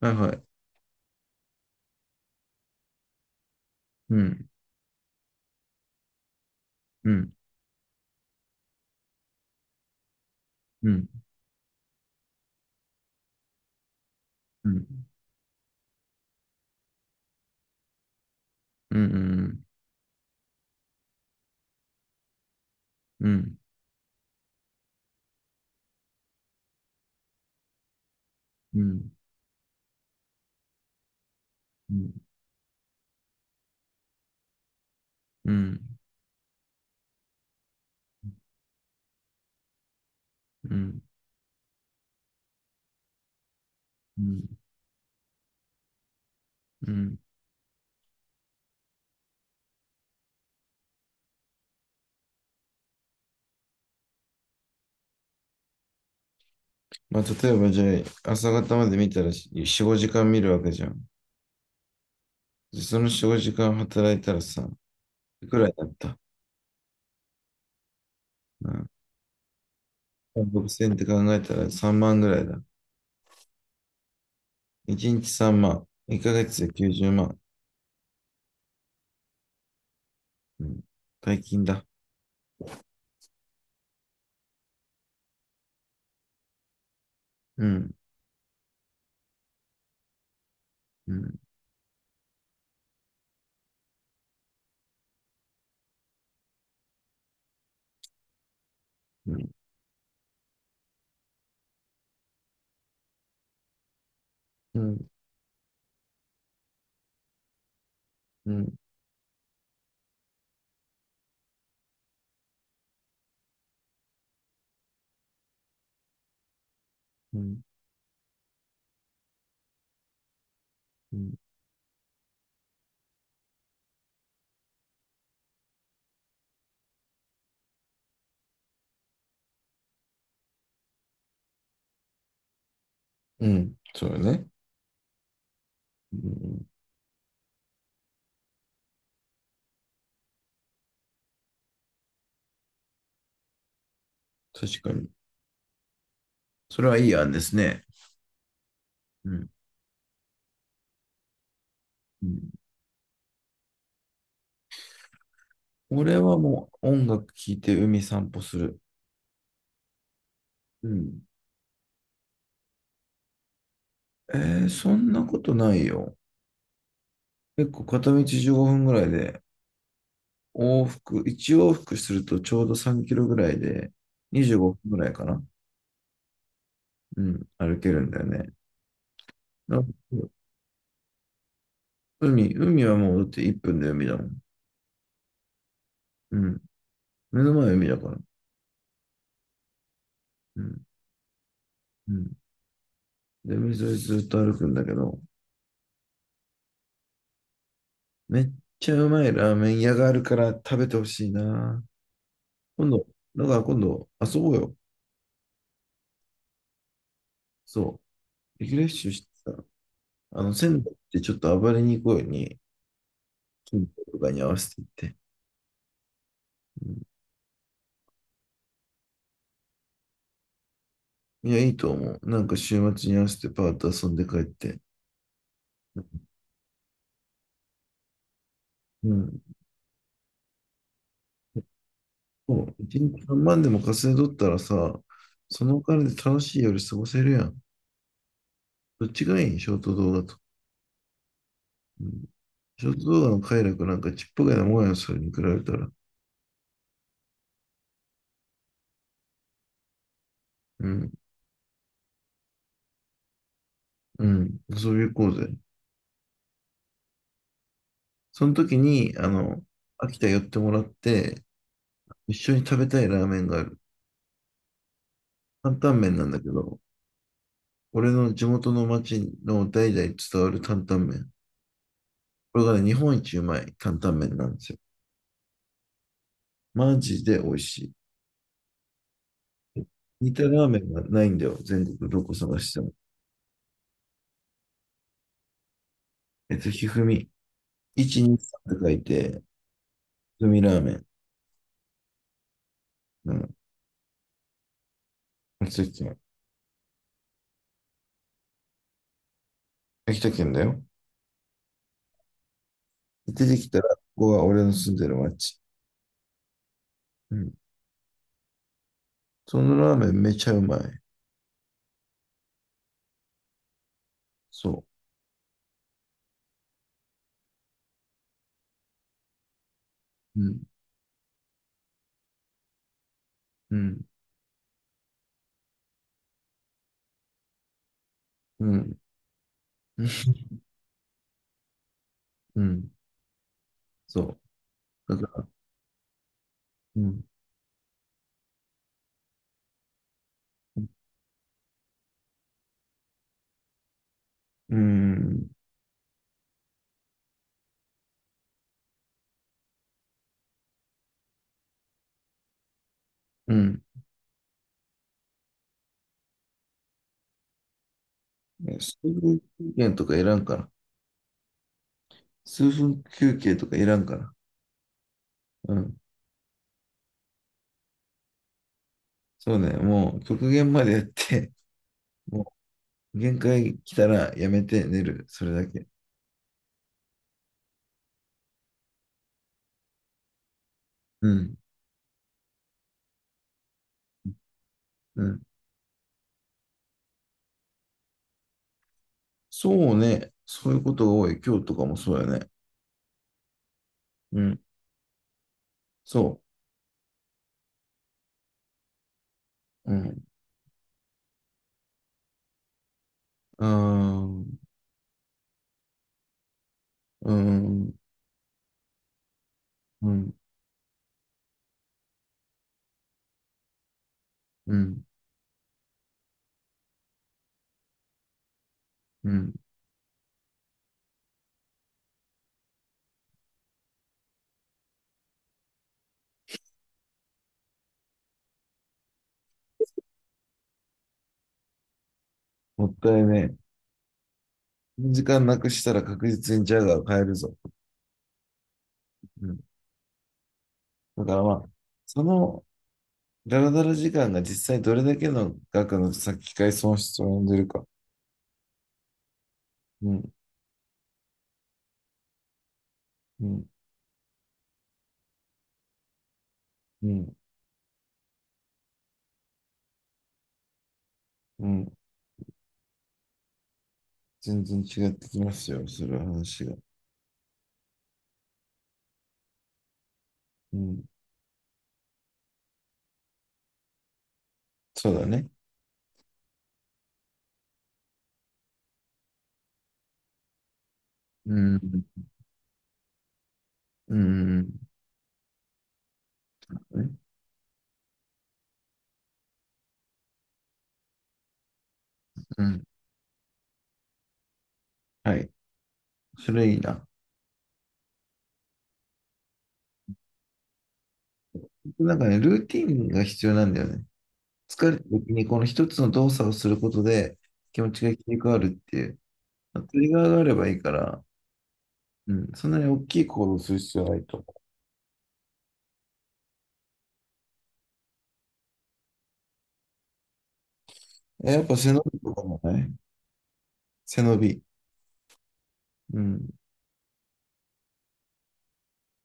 はいはい。うん、うん、うん、うん、うん、うん、うん、うん、うん、うん、うん、うん。まあ、例えばじゃあ、朝方まで見たら4、5時間見るわけじゃん。でその4、5時間働いたらさ、いくらだった。うん。6000って考えたら3万ぐらいだ。1日3万。1ヶ月で90万。うん。大金だ。うん、うん、うん、うん、うん、うん、うん。そうだね。うん、うん。確かに。それはいい案ですね。うん。うん。俺はもう音楽聴いて海散歩する。うん。えー、そんなことないよ。結構片道15分ぐらいで、往復、1往復するとちょうど3キロぐらいで、25分ぐらいかな。うん、歩けるんだよね。な海はもうだって1分で海だもん。うん。目の前は海だから。うん。うん。で、海沿いずっと歩くんだけど、めっちゃうまいラーメン屋があるから食べてほしいな。今度、だから今度、遊ぼうよ。そう。リフレッシュしてさ、あの、仙台ってちょっと暴れに行こうよに、金庫とかに合わせて行って。うん、いや、いいと思う。なんか週末に合わせてパーッと遊んで帰って。うん。そう、一日3万でも稼いどったらさ、そのお金で楽しい夜過ごせるやん。どっちがいいショート動画と。うん。ショート動画の快楽なんかちっぽけなもんやそれに比べたら。うん。うん。遊び行こうぜ。その時に、あの、秋田寄ってもらって、一緒に食べたいラーメンがある。担々麺なんだけど、俺の地元の町の代々伝わる担々麺。これがね、日本一うまい担々麺なんですよ。マジで美味しい。似たラーメンがないんだよ。全国どこ探しても。ひふみ。123って書いて、ひふみラーメン。うん。秋田県。秋田県だよ。出てきたら、ここは俺の住んでる町。うん。そのラーメンめちゃうまい。そう。うん。うん。うん。うん。そう。だから、うん。うん。うん。ね、数分休憩とかいらんから。数分休憩とかいらんから。うん。そうね。もう極限までやって、もう限界来たらやめて寝る。それだけ。うん。うん。そうね。そういうことが多い。今日とかもそうやね。うん。そう。うん。あー、うん。うん。うん。うん。もったいねえ。時間なくしたら確実にジャガーを変えるぞ。うん。だからまあ、その、ダラダラ時間が実際どれだけの額の先替え損失を生んでるか。うん、うん、うん、うん。全然違ってきますよ、それは話が。うん、そうだね。うん、うん、うん、うん。うん。はい。それいいな。なんかね、ルーティンが必要なんだよね。疲れた時にこの一つの動作をすることで気持ちが切り替わるっていう。トリガーがあればいいから、うん、そんなに大きい行動をする必要はないと思う。やっぱ背伸びとかもね。背伸び。うん。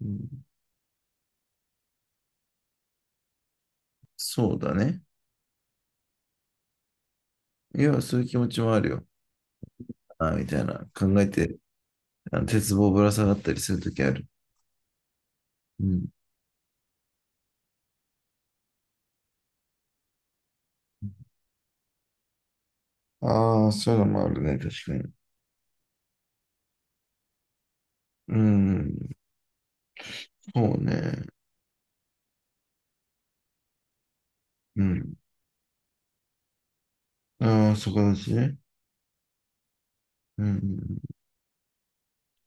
うん。そうだね。いや、そういう気持ちもあるよ。ああ、みたいな。考えて、あの、鉄棒ぶら下がったりするときある。うん。ああ、そういうのもあるね、確かに。うん。そうね。うん。ああ、そこだしね。うん。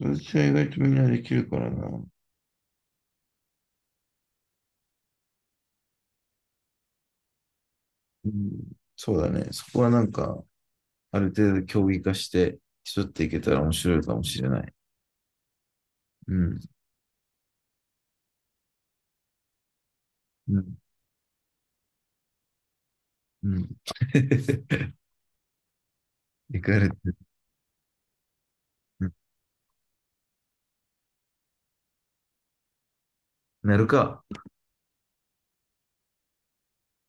私は意外とみんなできるからな。うん。そうだね。そこはなんか、ある程度競技化して、競っていけたら面白いかもしれない。うん。うん。うん。いかれて、うん。なるか。